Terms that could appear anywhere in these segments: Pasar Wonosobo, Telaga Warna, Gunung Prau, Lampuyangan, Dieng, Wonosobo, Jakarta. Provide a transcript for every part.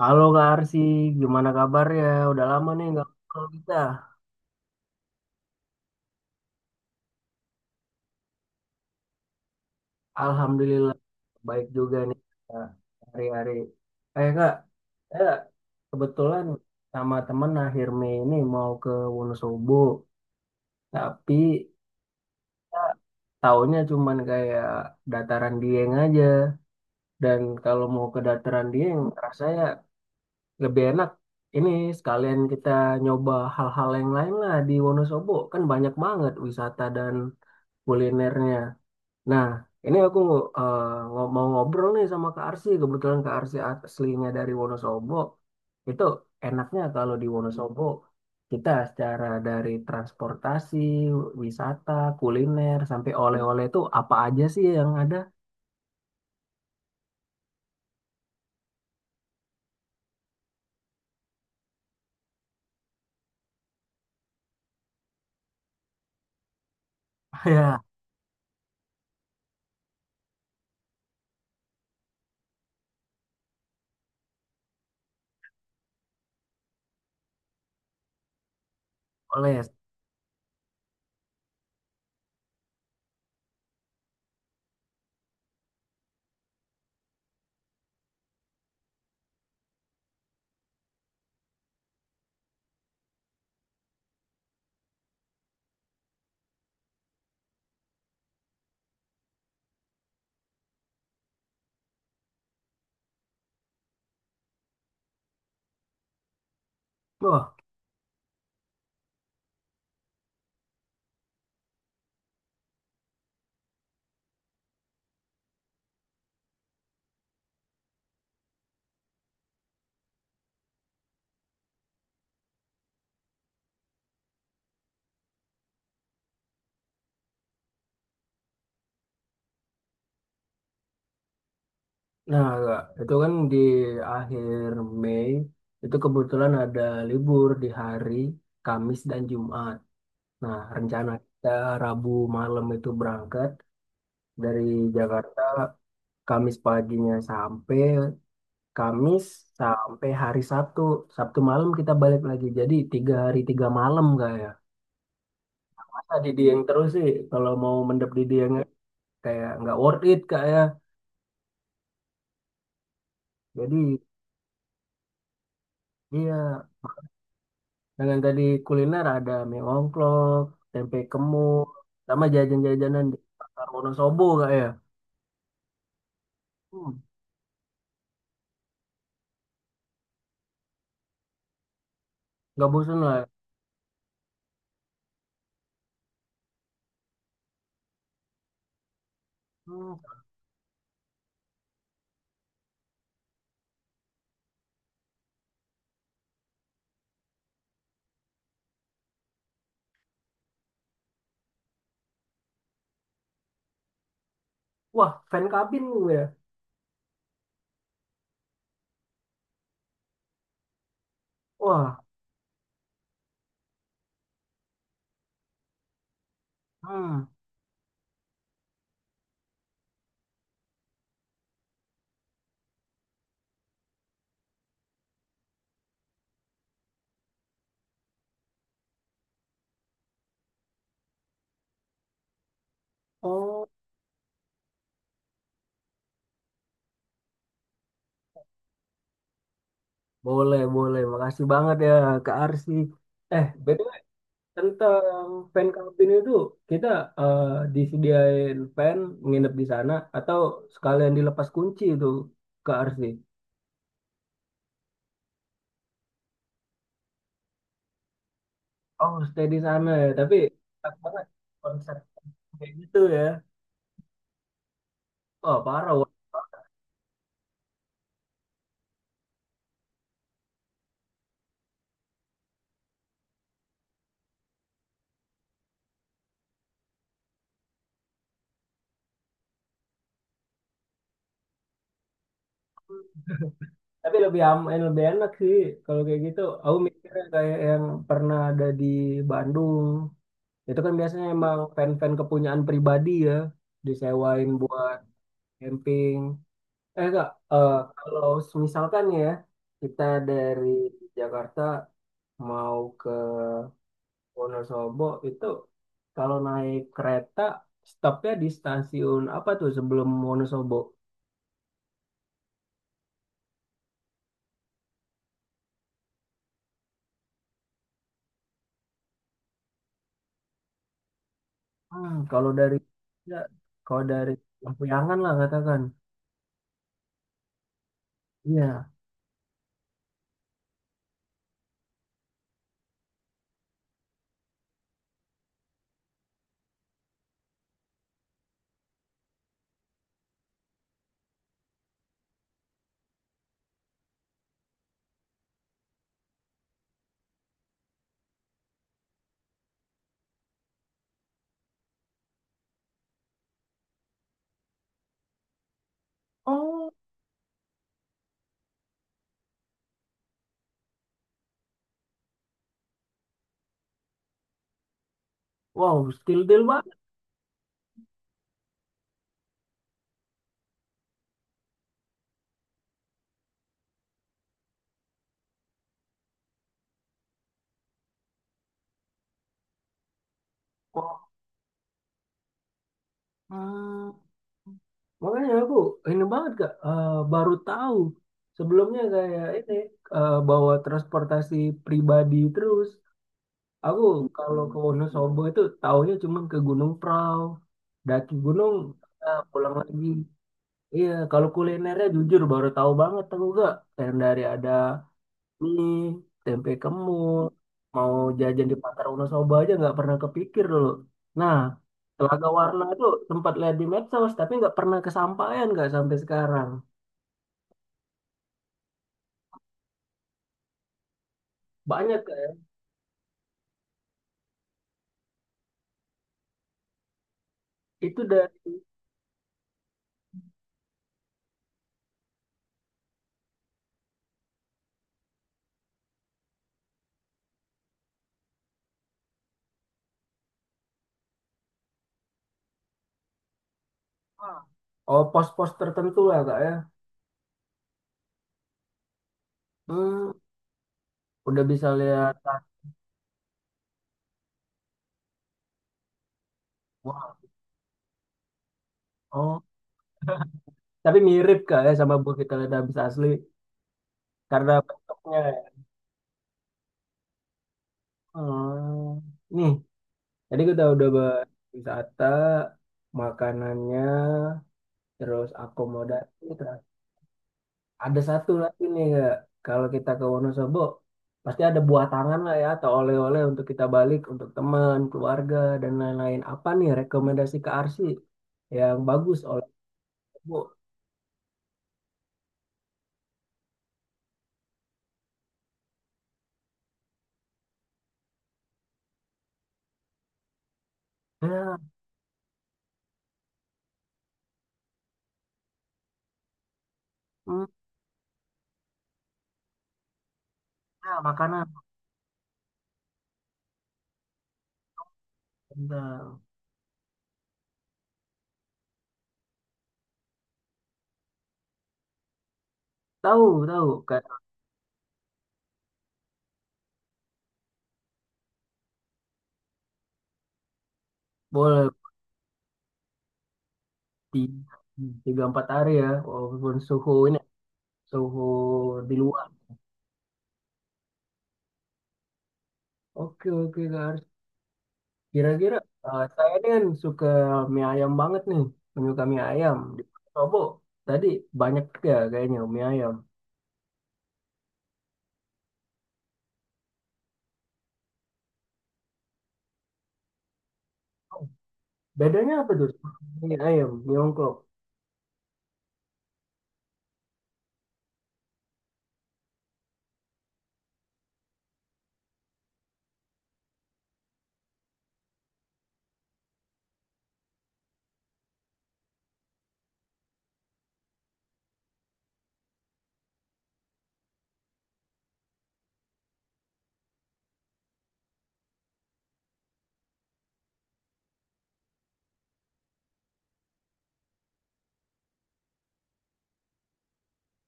Halo Kak Arsi, gimana kabarnya? Udah lama nih nggak ngobrol kita. Alhamdulillah, baik juga nih Kak, hari-hari. Eh Kak, eh, kebetulan sama temen akhir Mei ini mau ke Wonosobo, tapi Kak, taunya cuman kayak dataran Dieng aja. Dan kalau mau ke dataran Dieng, rasanya lebih enak. Ini sekalian kita nyoba hal-hal yang lain lah di Wonosobo, kan banyak banget wisata dan kulinernya. Nah, ini aku eh, mau ngobrol nih sama Kak Arsy. Kebetulan Kak Arsy aslinya dari Wonosobo. Itu enaknya kalau di Wonosobo, kita secara dari transportasi, wisata, kuliner, sampai oleh-oleh itu apa aja sih yang ada? Ya, oleh. Wah, nah Kak, itu kan di akhir Mei, itu kebetulan ada libur di hari Kamis dan Jumat. Nah, rencana kita Rabu malam itu berangkat. Dari Jakarta Kamis paginya sampai Kamis sampai hari Sabtu. Sabtu malam kita balik lagi. Jadi tiga hari tiga malam kak ya. Masa di Dieng terus sih kalau mau mendap di Dieng kayak nggak worth it kak ya. Jadi iya, dengan tadi kuliner ada mie ongklok, tempe kemul, sama jajan-jajanan di Pasar Wonosobo kak ya. Hmm, nggak bosan lah. Hmm. Wah, fan kabin gue ya. Wah, hmm. Oh, boleh, boleh. Makasih banget ya Kak Arsi. Eh, BTW tentang fan camping itu kita eh, disediain fan nginep di sana atau sekalian dilepas kunci itu Kak Arsi. Oh, stay di sana ya. Tapi enak banget konsep kayak gitu ya. Oh, parah. Wak. Tapi lebih aman, lebih enak sih kalau kayak gitu. Aku mikirnya kayak yang pernah ada di Bandung. Itu kan biasanya emang fan-fan kepunyaan pribadi ya, disewain buat camping. Eh kak, eh, kalau misalkan ya kita dari Jakarta mau ke Wonosobo itu kalau naik kereta stopnya di stasiun apa tuh sebelum Wonosobo? Hmm, kalau dari ya, kalau dari Lampuyangan lah katakan. Iya. Oh, wow, still deal banget. Wow. Makanya aku ini banget Kak, baru tahu sebelumnya kayak ini bawa transportasi pribadi terus. Aku kalau ke Wonosobo itu taunya cuman ke Gunung Prau, daki gunung, pulang lagi. Iya, kalau kulinernya jujur baru tahu banget aku Kak. Kayak dari ada nih tempe kemul mau jajan di Pasar Wonosobo aja nggak pernah kepikir dulu. Nah, Telaga Warna tuh sempat lihat di medsos, tapi nggak pernah kesampaian nggak sampai sekarang. Banyak Kak. Ya. Itu dari ah, oh pos-pos tertentu lah kak ya. Hmm, udah bisa lihat. Wah, oh, tapi mirip kak ya sama buah kita lihat habis asli karena bentuknya. Ya. Hmm. Nih, jadi kita udah bahas wisata, makanannya, terus akomodasi. Kak. Ada satu lagi nih Kak. Kalau kita ke Wonosobo pasti ada buah tangan lah ya atau oleh-oleh untuk kita balik untuk teman, keluarga dan lain-lain. Apa nih rekomendasi ke Arsi yang bagus oleh Bu? Ya, hmm, ya, makanan. Nah, tahu, tahu kayak boleh tiga, tiga empat hari ya walaupun suhu ini suhu di luar. Oke, oke Kak Arsi. Kira-kira saya ini kan suka mie ayam banget nih, penyuka mie ayam. Di Sobo tadi banyak ya kayaknya mie ayam. Bedanya apa tuh? Sama mie ayam, mie ongklok.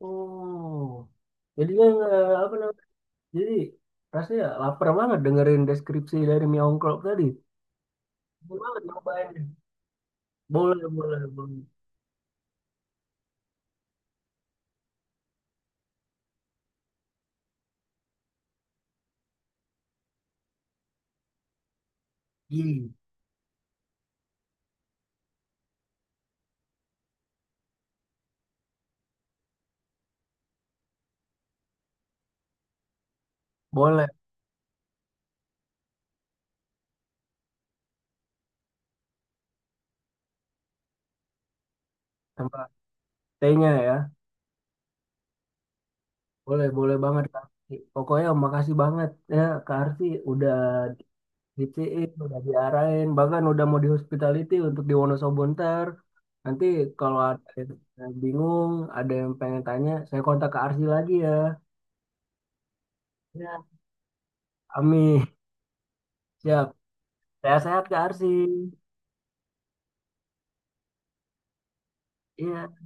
Oh, jadi yang eh, apa namanya? Jadi rasanya lapar banget dengerin deskripsi dari mie ongklok tadi. Boleh banget nyobain. Boleh, boleh, boleh. Ih, boleh tambah tehnya ya. Boleh, boleh banget Kak Arti. Pokoknya makasih banget ya Kak Arti udah dipiin, udah diarahin, bahkan udah mau di hospitality untuk di Wonosobo ntar. Nanti kalau ada yang bingung, ada yang pengen tanya, saya kontak ke Arsi lagi ya. Ya. Amin. Siap. Saya sehat ke Arsi. Iya.